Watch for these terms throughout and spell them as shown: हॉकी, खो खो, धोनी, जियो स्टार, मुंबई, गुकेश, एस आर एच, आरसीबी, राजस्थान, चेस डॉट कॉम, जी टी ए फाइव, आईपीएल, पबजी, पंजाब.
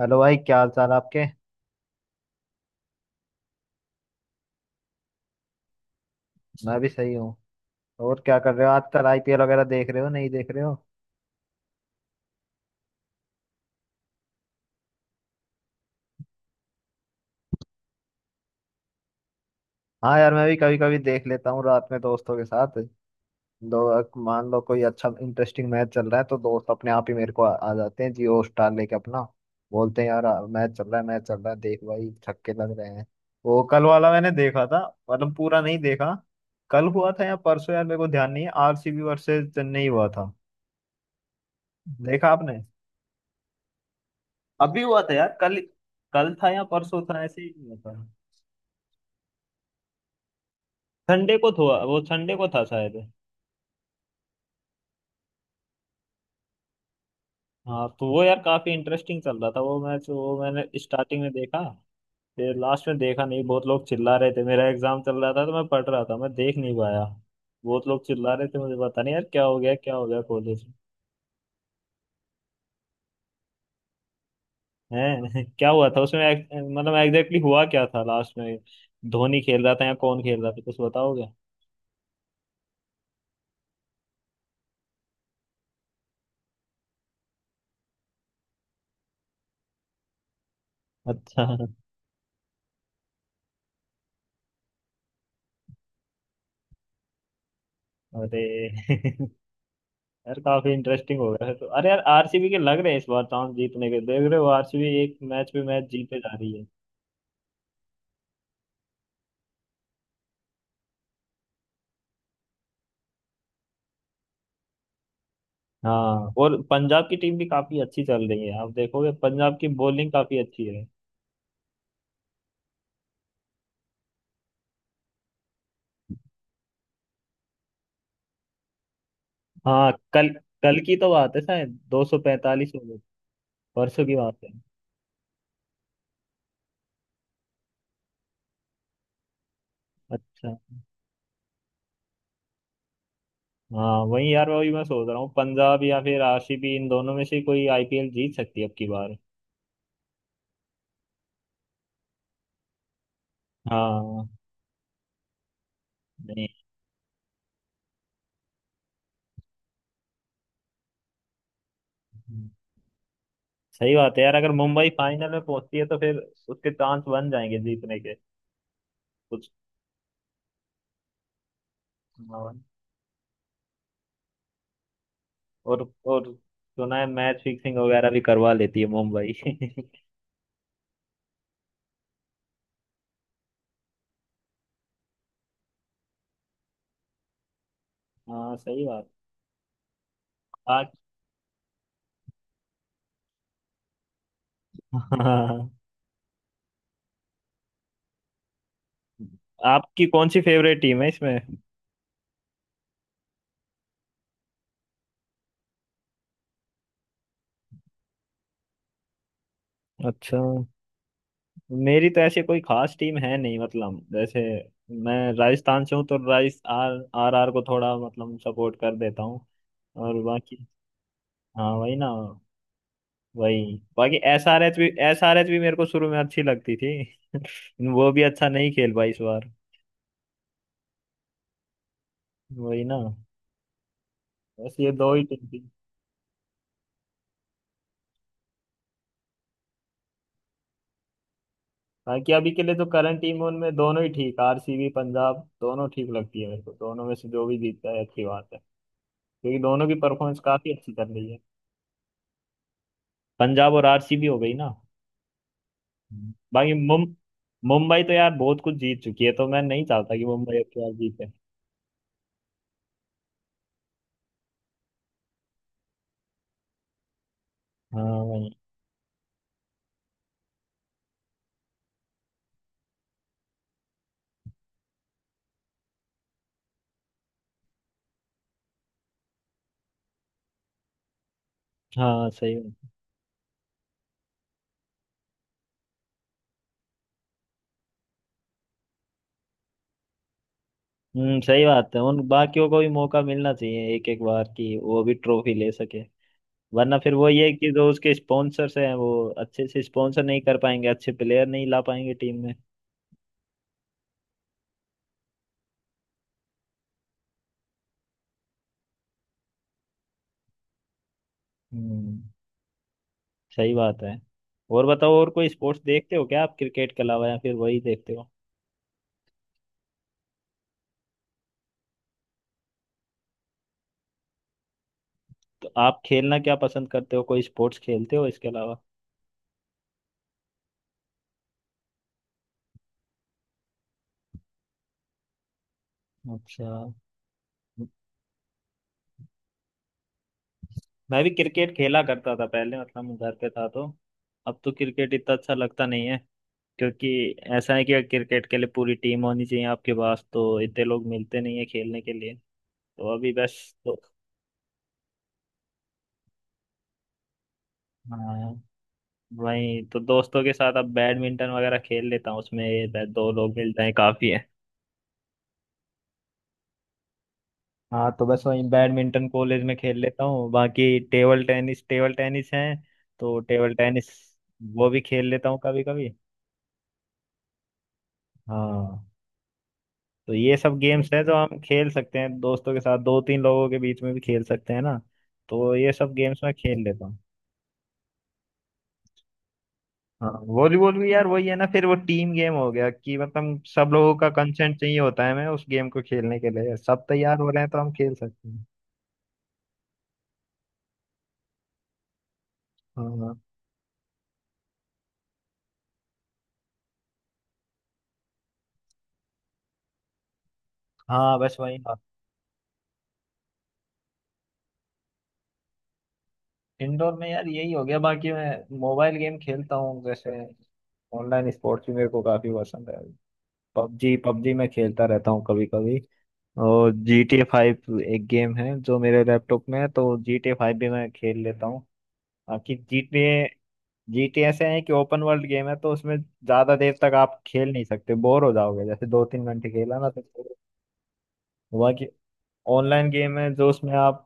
Hello भाई, क्या हाल चाल आपके। मैं भी सही हूँ। और क्या कर रहे हो आजकल, आईपीएल वगैरह देख रहे हो, नहीं देख रहे हो? हाँ यार, मैं भी कभी कभी देख लेता हूँ रात में दोस्तों के साथ। दो, मान लो कोई अच्छा इंटरेस्टिंग मैच चल रहा है तो दोस्त अपने आप ही मेरे को आ जाते हैं जियो स्टार लेके अपना। बोलते हैं यार मैच चल रहा है, मैच चल रहा है, देख भाई छक्के लग रहे हैं। वो कल वाला मैंने देखा था। मतलब पूरा नहीं देखा। कल हुआ था या परसों, यार मेरे को ध्यान नहीं है। आरसीबी वर्सेस चेन्नई हुआ था। देखा आपने? अभी हुआ था यार कल। कल था या परसों था, ऐसे ही हुआ था। संडे को था, वो संडे को था शायद। हाँ तो वो यार काफी इंटरेस्टिंग चल रहा था वो मैच, वो मैंने स्टार्टिंग में देखा। फिर लास्ट में देखा नहीं, बहुत लोग चिल्ला रहे थे। मेरा एग्जाम चल रहा था तो मैं पढ़ रहा था, मैं देख नहीं पाया। बहुत लोग चिल्ला रहे थे, मुझे पता नहीं यार क्या हो गया कॉलेज है। क्या हुआ था उसमें मतलब एग्जैक्टली हुआ क्या था लास्ट में? धोनी खेल रहा था या कौन खेल रहा था, कुछ बताओगे? अच्छा। अरे यार काफी इंटरेस्टिंग हो गया है तो। अरे यार आरसीबी के लग रहे हैं इस बार चांस जीतने के। देख रहे हो, आरसीबी एक मैच पे मैच जीते जा रही है। हाँ, और पंजाब की टीम भी काफी अच्छी चल रही है। आप देखोगे, पंजाब की बॉलिंग काफी अच्छी है। हाँ कल, कल की तो बात है, शायद 245 हो गए। परसों की बात है। अच्छा। हाँ वही यार, वही मैं सोच रहा हूँ, पंजाब या फिर आरसीबी, इन दोनों में से कोई आईपीएल जीत सकती है अब की बार। हाँ। नहीं, सही बात है यार, अगर मुंबई फाइनल में पहुंचती है तो फिर उसके चांस बन जाएंगे जीतने के कुछ। हाँ, और सुना है मैच फिक्सिंग वगैरह भी करवा लेती है मुंबई। हाँ सही बात। आज हाँ। आपकी कौन सी फेवरेट टीम है इसमें? अच्छा, मेरी तो ऐसे कोई खास टीम है नहीं, मतलब जैसे मैं राजस्थान से हूँ तो राइस आर आर आर को थोड़ा मतलब सपोर्ट कर देता हूँ। और बाकी, हाँ वही ना। वही, बाकी एस आर एच भी, एस आर एच भी मेरे को शुरू में अच्छी लगती थी। वो भी अच्छा नहीं खेल पाई इस बार। वही ना, बस ये दो ही टीम थी। बाकी अभी के लिए तो करंट टीम उनमें दोनों ही ठीक, आरसीबी पंजाब दोनों ठीक लगती है मेरे को। दोनों में से जो भी जीतता है अच्छी बात है क्योंकि दोनों की परफॉर्मेंस काफी अच्छी चल रही है। पंजाब और आरसीबी हो गई ना। बाकी मुम मुंबई तो यार बहुत कुछ जीत चुकी है तो मैं नहीं चाहता कि मुंबई अब क्या जीते। हाँ वही। हाँ सही। हम्म, सही बात है, उन बाकियों को भी मौका मिलना चाहिए, एक एक बार की वो भी ट्रॉफी ले सके। वरना फिर वो ये है कि जो उसके स्पॉन्सर्स हैं वो अच्छे से स्पॉन्सर नहीं कर पाएंगे, अच्छे प्लेयर नहीं ला पाएंगे टीम में। हम्म, सही बात है। और बताओ, और कोई स्पोर्ट्स देखते हो क्या आप क्रिकेट के अलावा, या फिर वही देखते हो? तो आप खेलना क्या पसंद करते हो, कोई स्पोर्ट्स खेलते हो इसके अलावा? अच्छा, मैं भी क्रिकेट खेला करता था पहले, मतलब मैं घर पे था तो। अब तो क्रिकेट इतना अच्छा लगता नहीं है क्योंकि ऐसा है कि क्रिकेट के लिए पूरी टीम होनी चाहिए आपके पास, तो इतने लोग मिलते नहीं है खेलने के लिए। तो अभी बस तो। हाँ, वही तो, दोस्तों के साथ अब बैडमिंटन वगैरह खेल लेता हूँ, उसमें बस दो लोग मिल जाए काफी है। हाँ तो बस वही, बैडमिंटन कॉलेज में खेल लेता हूँ। बाकी टेबल टेनिस, टेबल टेनिस है तो। टेबल टेनिस वो भी खेल लेता हूँ कभी कभी। हाँ तो ये सब गेम्स है जो हम खेल सकते हैं दोस्तों के साथ, दो तीन लोगों के बीच में भी खेल सकते हैं ना। तो ये सब गेम्स मैं खेल लेता हूँ। हाँ वॉलीबॉल भी यार, वही है ना फिर, वो टीम गेम हो गया कि मतलब सब लोगों का कंसेंट चाहिए होता है हमें, उस गेम को खेलने के लिए सब तैयार हो रहे हैं तो हम खेल सकते हैं। हाँ। हाँ बस वही। इंडोर में यार यही हो गया, बाकी मैं मोबाइल गेम खेलता हूँ। जैसे ऑनलाइन स्पोर्ट्स भी मेरे को काफी पसंद है। पबजी, पबजी मैं खेलता रहता हूँ कभी कभी। और जी टी ए फाइव एक गेम है जो मेरे लैपटॉप में है, तो जी टी ए फाइव भी मैं खेल लेता हूँ। बाकी G T A, G T ऐसे है कि ओपन वर्ल्ड गेम है तो उसमें ज्यादा देर तक आप खेल नहीं सकते, बोर हो जाओगे, जैसे दो तीन घंटे खेला ना तो। बाकी ऑनलाइन गेम है जो, उसमें आप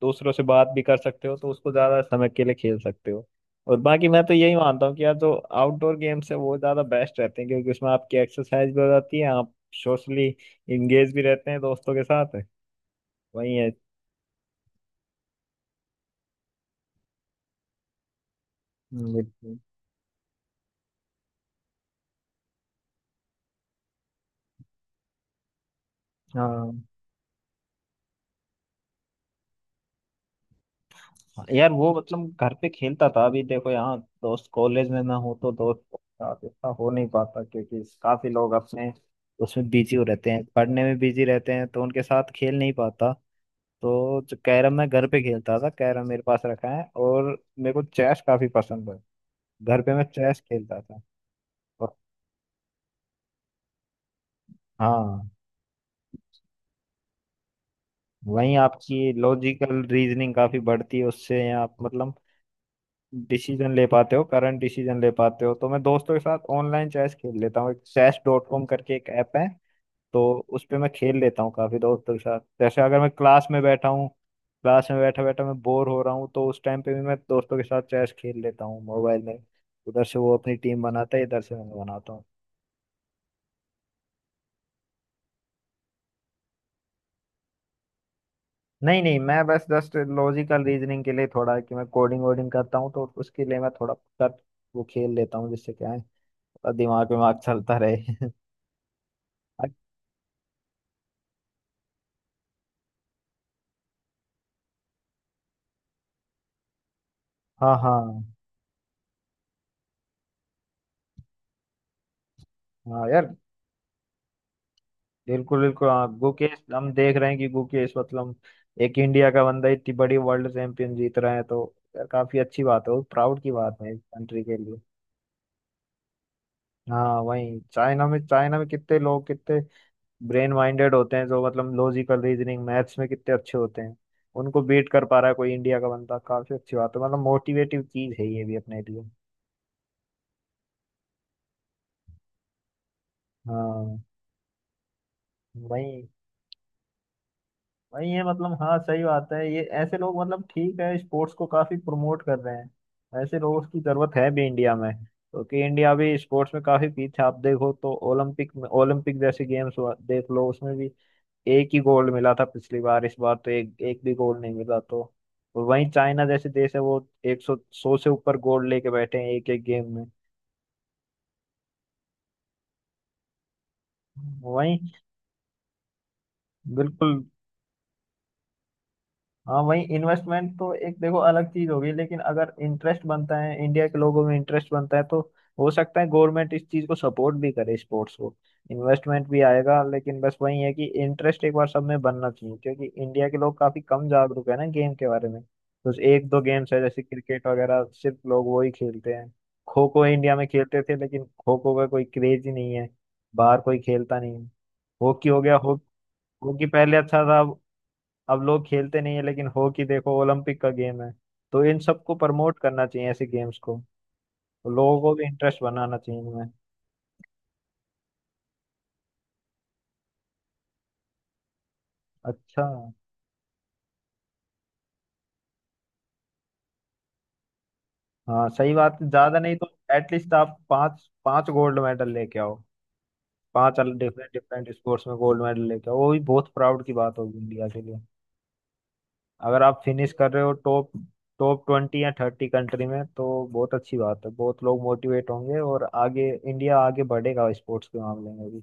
दूसरों से बात भी कर सकते हो तो उसको ज्यादा समय के लिए खेल सकते हो। और बाकी मैं तो यही मानता हूँ कि यार जो आउटडोर गेम्स है वो ज्यादा बेस्ट रहते हैं, क्योंकि उसमें आपकी एक्सरसाइज भी हो जाती है, आप सोशली इंगेज भी रहते हैं दोस्तों के साथ। वही है। बिल्कुल। हाँ यार, वो मतलब घर पे खेलता था, अभी देखो यहाँ दोस्त कॉलेज में ना हो तो दोस्त के साथ इतना हो नहीं पाता, क्योंकि काफी लोग अपने उसमें बिजी हो रहते हैं, पढ़ने में बिजी रहते हैं, तो उनके साथ खेल नहीं पाता। तो जो कैरम मैं घर पे खेलता था, कैरम मेरे पास रखा है। और मेरे को चेस काफी पसंद है, घर पे मैं चेस खेलता था। और हाँ, वहीं आपकी लॉजिकल रीजनिंग काफी बढ़ती है उससे, आप मतलब डिसीजन ले पाते हो, करंट डिसीजन ले पाते हो। तो मैं दोस्तों के साथ ऑनलाइन चेस खेल लेता हूँ, एक चेस डॉट कॉम करके एक ऐप है तो उस पे मैं खेल लेता हूँ काफी दोस्तों के साथ। जैसे अगर मैं क्लास में बैठा हूँ, क्लास में बैठा बैठा मैं बोर हो रहा हूँ, तो उस टाइम पे भी मैं दोस्तों के साथ चेस खेल लेता हूँ मोबाइल में। उधर से वो अपनी टीम बनाता है, इधर से मैं बनाता हूँ। नहीं नहीं, मैं बस जस्ट लॉजिकल रीजनिंग के लिए, थोड़ा कि मैं कोडिंग वोडिंग करता हूँ तो उसके लिए मैं थोड़ा कर वो खेल लेता हूँ, जिससे क्या है, थोड़ा दिमाग विमाग चलता रहे। हाँ हाँ हाँ यार, बिल्कुल बिल्कुल। हाँ गुकेश, हम देख रहे हैं कि गुकेश मतलब एक इंडिया का बंदा इतनी बड़ी वर्ल्ड चैंपियन जीत रहा है तो यार काफी अच्छी बात है, बहुत प्राउड की बात है कंट्री के लिए। हाँ वही, चाइना में, चाइना में कितने लोग, कितने ब्रेन माइंडेड होते हैं जो, मतलब लॉजिकल रीजनिंग मैथ्स में कितने अच्छे होते हैं, उनको बीट कर पा रहा है कोई इंडिया का बंदा, काफी अच्छी बात है। मतलब मोटिवेटिव चीज है ये भी अपने लिए। हाँ वही। भाई ये मतलब, हाँ सही बात है, ये ऐसे लोग, मतलब ठीक है, स्पोर्ट्स को काफी प्रमोट कर रहे हैं। ऐसे लोगों की जरूरत है भी इंडिया में, क्योंकि इंडिया भी स्पोर्ट्स में काफी पीछे, आप देखो तो ओलंपिक में, ओलंपिक जैसे गेम्स देख लो, उसमें भी एक ही गोल्ड मिला था पिछली बार, इस बार तो एक एक भी गोल्ड नहीं मिला तो। और वहीं चाइना जैसे देश है, वो एक सौ, सौ से ऊपर गोल्ड लेके बैठे हैं एक एक गेम में। वहीं बिल्कुल। हाँ वही, इन्वेस्टमेंट तो एक देखो अलग चीज होगी, लेकिन अगर इंटरेस्ट बनता है, इंडिया के लोगों में इंटरेस्ट बनता है तो हो सकता है गवर्नमेंट इस चीज को सपोर्ट भी करे, स्पोर्ट्स को इन्वेस्टमेंट भी आएगा। लेकिन बस वही है कि इंटरेस्ट एक बार सब में बनना चाहिए, क्योंकि इंडिया के लोग काफी कम जागरूक है ना गेम के बारे में। तो एक दो गेम्स है जैसे क्रिकेट वगैरह सिर्फ लोग वो ही खेलते हैं। खो खो इंडिया में खेलते थे, लेकिन खो खो का कोई क्रेज ही नहीं है, बाहर कोई खेलता नहीं है। हॉकी हो गया, हॉकी पहले अच्छा था, अब लोग खेलते नहीं है, लेकिन हॉकी देखो ओलंपिक का गेम है। तो इन सबको प्रमोट करना चाहिए, ऐसे गेम्स को लोगों को भी इंटरेस्ट बनाना चाहिए इनमें। अच्छा। हाँ सही बात है, ज्यादा नहीं तो एटलीस्ट आप पांच पांच गोल्ड मेडल लेके आओ, पांच डिफरेंट डिफरेंट स्पोर्ट्स में गोल्ड मेडल लेके आओ, वो भी बहुत प्राउड की बात होगी इंडिया के लिए। अगर आप फिनिश कर रहे हो टॉप, 20 या 30 कंट्री में, तो बहुत अच्छी बात है, बहुत लोग मोटिवेट होंगे और आगे इंडिया आगे बढ़ेगा स्पोर्ट्स के मामले में भी।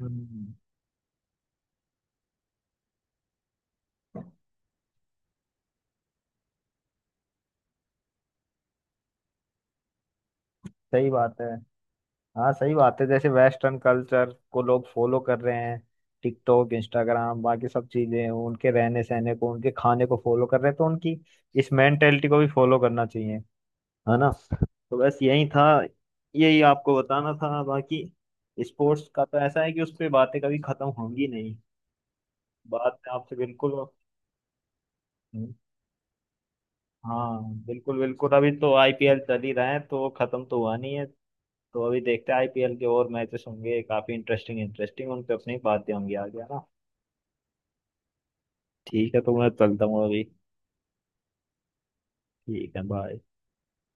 हम्म, सही बात है। हाँ सही बात है, जैसे वेस्टर्न कल्चर को लोग फॉलो कर रहे हैं, टिकटॉक, इंस्टाग्राम, बाकी सब चीजें, उनके रहने सहने को, उनके खाने को फॉलो कर रहे हैं, तो उनकी इस मेंटेलिटी को भी फॉलो करना चाहिए, है ना। तो बस यही था, यही आपको बताना था, बाकी स्पोर्ट्स का तो ऐसा है कि उस पर बातें कभी खत्म होंगी नहीं। बात मैं आपसे बिल्कुल। हाँ बिल्कुल बिल्कुल, अभी तो आईपीएल चल ही रहा है तो खत्म तो हुआ नहीं है। तो अभी देखते हैं, आईपीएल के और मैचेस होंगे, काफी इंटरेस्टिंग इंटरेस्टिंग उन पे अपनी बातें होंगी आगे, है ना। ठीक है तो मैं चलता हूँ अभी। ठीक है बाय।